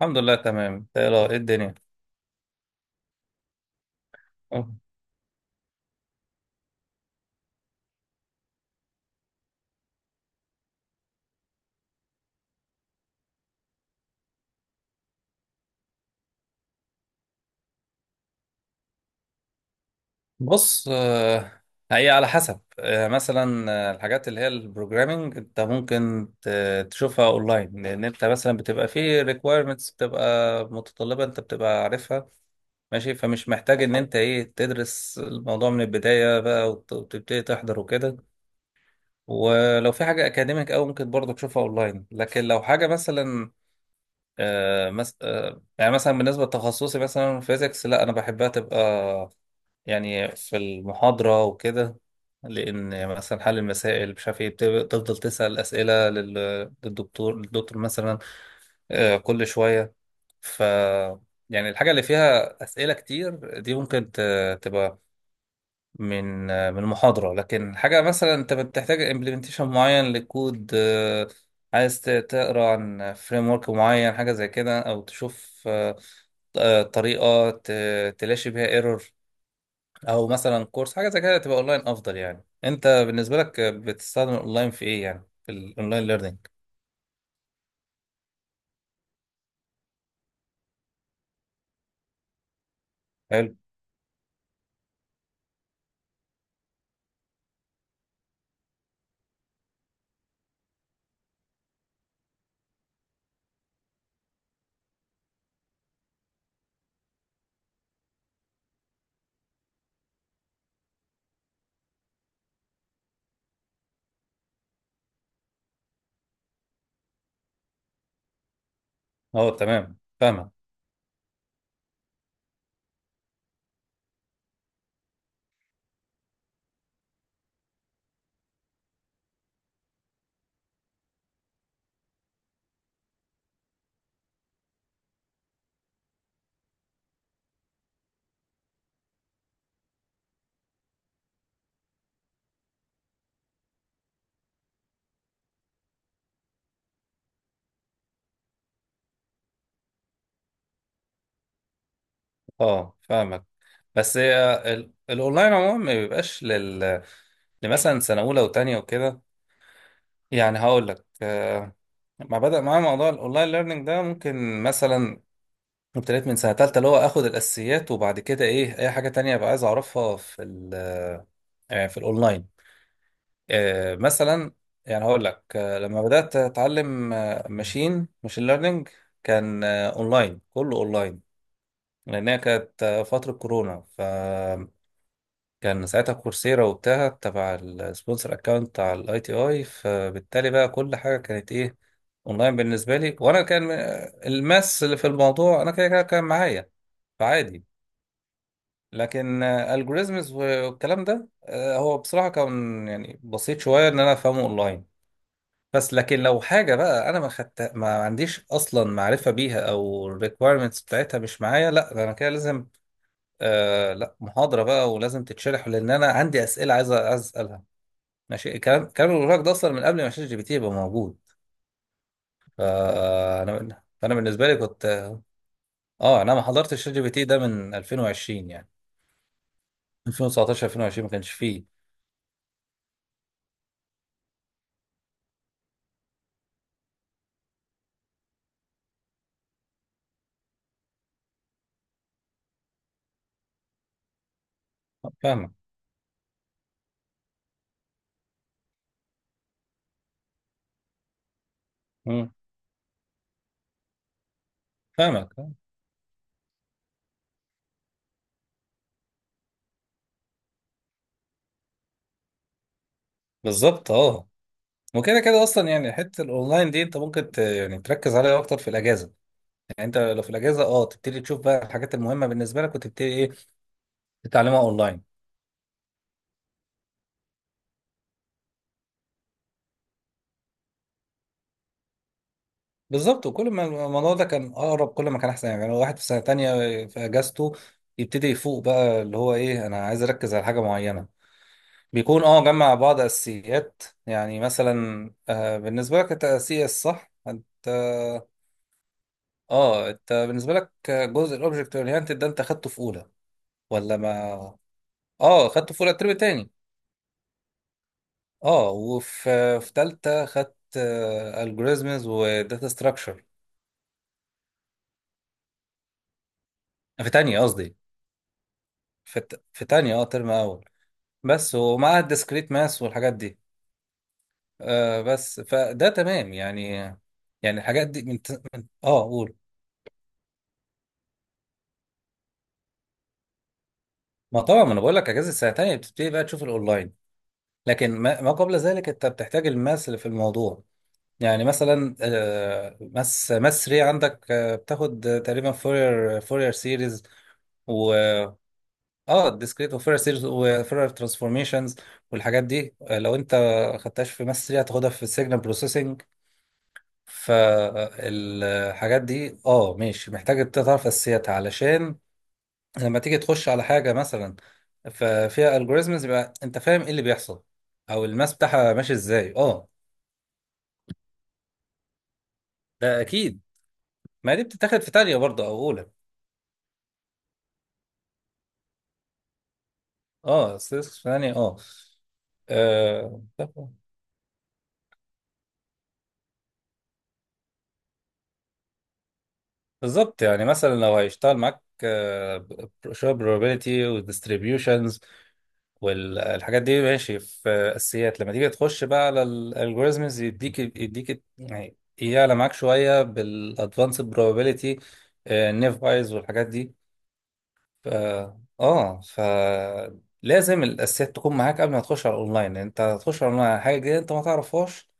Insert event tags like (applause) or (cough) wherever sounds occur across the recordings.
الحمد لله تمام. تقرا ايه ايه الدنيا؟ أه. بص، هي على حسب. مثلا الحاجات اللي هي البروجرامينج انت ممكن تشوفها اونلاين، لان انت مثلا بتبقى فيه ريكويرمنتس بتبقى متطلبه انت بتبقى عارفها، ماشي. فمش محتاج ان انت ايه تدرس الموضوع من البدايه بقى وتبتدي تحضر وكده. ولو في حاجه اكاديميك او ممكن برضه تشوفها اونلاين، لكن لو حاجه مثلا آه، مس... آه، يعني مثلا بالنسبه لتخصصي مثلا فيزيكس، لا انا بحبها تبقى يعني في المحاضرة وكده. لأن مثلا حل المسائل مش عارف ايه تفضل تسأل أسئلة للدكتور. الدكتور مثلا كل شوية. ف يعني الحاجة اللي فيها أسئلة كتير دي ممكن تبقى من من المحاضرة. لكن حاجة مثلا أنت بتحتاج implementation معين لكود، عايز تقرأ عن framework معين، حاجة زي كده، أو تشوف طريقة تلاشي بيها ايرور، او مثلا كورس حاجه زي كده، تبقى اونلاين افضل. يعني انت بالنسبه لك بتستخدم الاونلاين في ايه؟ يعني في الاونلاين ليرنينج. حلو. اه تمام، فاهمك. اه فاهمك. بس هي الاونلاين عموما ما بيبقاش لل لمثلا سنه اولى وتانية وكده. يعني هقول لك، ما بدا معايا موضوع الاونلاين ليرنينج ده ممكن مثلا ابتديت من سنه تالتة، اللي هو اخد الاساسيات وبعد كده ايه اي حاجه تانية بقى عايز اعرفها في ال في الاونلاين. مثلا يعني هقول لك، لما بدأت أتعلم ماشين ليرنينج كان أونلاين، كله أونلاين. لأنها كانت فترة كورونا، فكان ساعتها كورسيرا وبتاع تبع السبونسر أكاونت بتاع الأي تي أي، فبالتالي بقى كل حاجة كانت إيه، أونلاين بالنسبة لي. وأنا كان الماس اللي في الموضوع أنا كده كده كان معايا، فعادي. لكن الجوريزمز والكلام ده هو بصراحة كان يعني بسيط شوية إن أنا أفهمه أونلاين. بس لكن لو حاجة بقى أنا ما خدت ما عنديش أصلا معرفة بيها أو requirements بتاعتها مش معايا، لا ده أنا كده لازم لا محاضرة بقى، ولازم تتشرح، لأن أنا عندي أسئلة عايز عايز أسألها. ماشي. الكلام اللي بقولك ده أصلا من قبل ما شات جي بي تي يبقى موجود. فأنا بالنسبة لي كنت أه، أنا ما حضرتش شات جي بي تي ده من 2020 يعني. 2019 2020 ما كانش فيه. فاهمك. مم. فاهمك. بالظبط أه. وكده كده أصلا يعني حتة الأونلاين دي أنت ممكن يعني تركز عليها أكتر في الأجازة. يعني انت لو في الاجازه اه تبتدي تشوف بقى الحاجات المهمه بالنسبه لك، وتبتدي ايه تتعلمها اونلاين. بالظبط. وكل ما الموضوع ده كان اقرب كل ما كان احسن. يعني لو واحد في سنه تانية في اجازته يبتدي يفوق بقى اللي هو ايه انا عايز اركز على حاجه معينه، بيكون اه جمع بعض اساسيات. يعني مثلا آه، بالنسبه لك انت السي اس، صح؟ انت اه انت بالنسبه لك جزء الاوبجكت اورينتد ده انت خدته في اولى ولا ما اه خدته في اولى الترم التاني؟ اه، وفي في تالتة خدت الجوريزمز وداتا ستراكشر. في تانية قصدي، في تانية اه ترم أول، بس، ومعاها الديسكريت ماس والحاجات دي. آه بس فده تمام يعني. يعني الحاجات دي من, من اه قول. ما طبعا ما انا بقول لك اجازه السنه التانية بتبتدي بقى تشوف الاونلاين، لكن ما, ما قبل ذلك انت بتحتاج الماس اللي في الموضوع. يعني مثلا آه ماس 3 عندك آه، بتاخد تقريبا فورير سيريز. اه ديسكريت وفيرر سيريز وفيرر ترانسفورميشنز والحاجات دي. لو انت خدتهاش في ماس 3 هتاخدها في السيجنال بروسيسنج. فالحاجات دي اه ماشي، محتاج تعرف اساسياتها علشان لما تيجي تخش على حاجه مثلا ففيها الجوريزمز يبقى انت فاهم ايه اللي بيحصل، او الماس بتاعها ماشي ازاي. اه ده اكيد. ما دي بتتاخد في تانية برضه او اولى. اه statistics في تانية اه. آه، بالظبط. يعني مثلا لو هيشتغل معاك شويه probability والديستريبيوشنز والحاجات دي ماشي في اساسيات، لما تيجي تخش بقى على الالجوريزمز يديك يعني يعلى معاك شويه بالادفانسد probability، نيف وايز والحاجات دي. ف اه ف لازم الاساسيات تكون معاك قبل ما تخش على الاونلاين. انت هتخش على الاونلاين على حاجه جديده انت ما تعرفهاش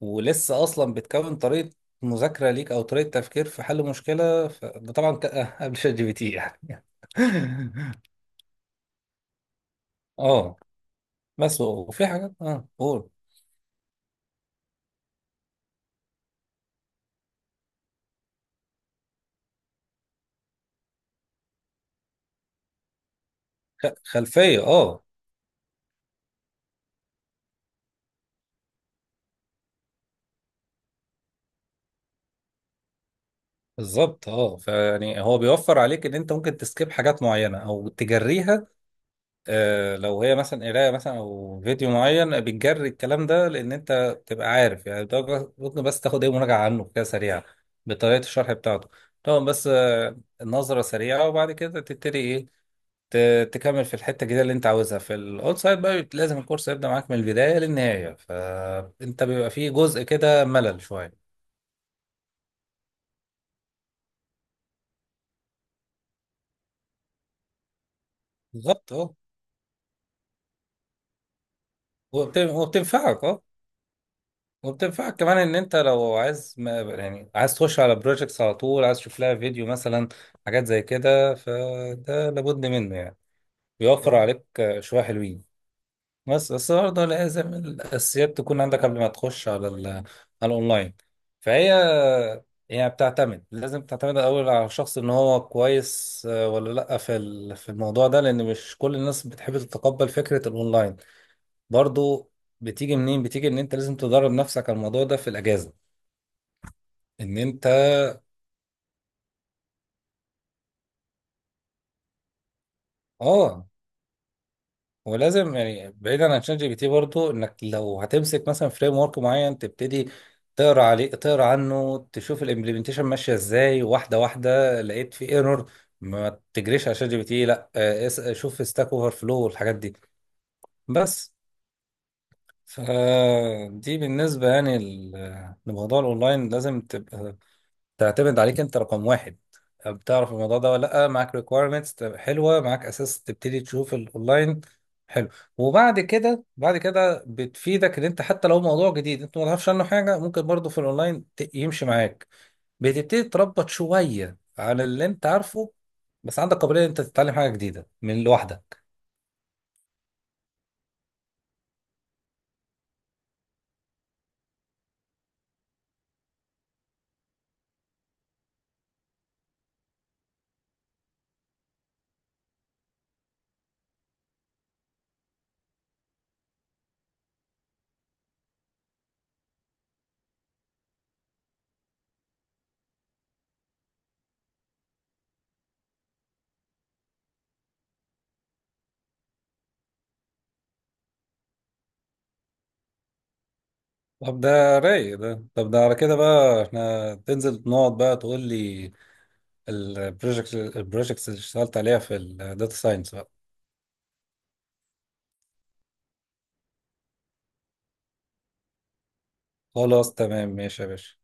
ولسه اصلا بتكون طريقه مذاكره ليك او طريقه تفكير في حل مشكله ده طبعا (laughs) قبل شات جي بي تي يعني. (laughs) اه. بس وفي حاجات اه قول. خلفيه اه. بالظبط اه. فيعني هو بيوفر عليك ان انت ممكن تسكيب حاجات معينه او تجريها. لو هي مثلا قرايه مثلا او فيديو معين بتجري الكلام ده، لان انت تبقى عارف يعني ده ممكن بس تاخد ايه مراجعه عنه كده سريعه بطريقه الشرح بتاعته. طبعا بس النظره سريعه، وبعد كده تبتدي ايه تكمل في الحته الجديده اللي انت عاوزها. في الاول سايد بقى لازم الكورس يبدا معاك من البدايه للنهايه، فانت بيبقى فيه جزء كده ملل شويه. بالظبط اه. وبتنفعك اه. وبتنفعك كمان ان انت لو عايز ما يعني عايز تخش على بروجكتس على طول عايز تشوف لها فيديو مثلا، حاجات زي كده، فده لابد منه يعني. بيوفر اه عليك شوية حلوين. بس برضه لازم الاساسيات تكون عندك قبل ما تخش على على الاونلاين. فهي يعني بتعتمد، لازم تعتمد الاول على الشخص ان هو كويس ولا لا في في الموضوع ده، لان مش كل الناس بتحب تتقبل فكرة الاونلاين برضه. بتيجي منين؟ بتيجي ان انت لازم تدرب نفسك على الموضوع ده في الاجازة. ان انت اه ولازم يعني بعيدا عن شات جي بي تي برضو، انك لو هتمسك مثلا فريم ورك معين تبتدي تقرا عليه، تقرا عنه، تشوف الامبلمنتيشن ماشيه ازاي واحده واحده. لقيت في ايرور، ما تجريش على شات جي بي تي لا، شوف ستاك اوفر فلو والحاجات دي بس. فدي بالنسبه يعني لموضوع الاونلاين، لازم تبقى تعتمد عليك انت رقم واحد. بتعرف الموضوع ده ولا لا؟ معاك ريكويرمنتس حلوه، معاك اساس، تبتدي تشوف الاونلاين. حلو. وبعد كده بعد كده بتفيدك ان انت حتى لو موضوع جديد انت ما تعرفش عنه حاجه، ممكن برضه في الاونلاين يمشي معاك، بتبتدي تربط شويه على اللي انت عارفه. بس عندك قابليه ان انت تتعلم حاجه جديده من لوحدك. طب ده رايق، ده طب ده على كده بقى احنا تنزل نقعد بقى تقول لي البروجكتس اللي اشتغلت عليها في الداتا ساينس. خلاص تمام ماشي يا باشا.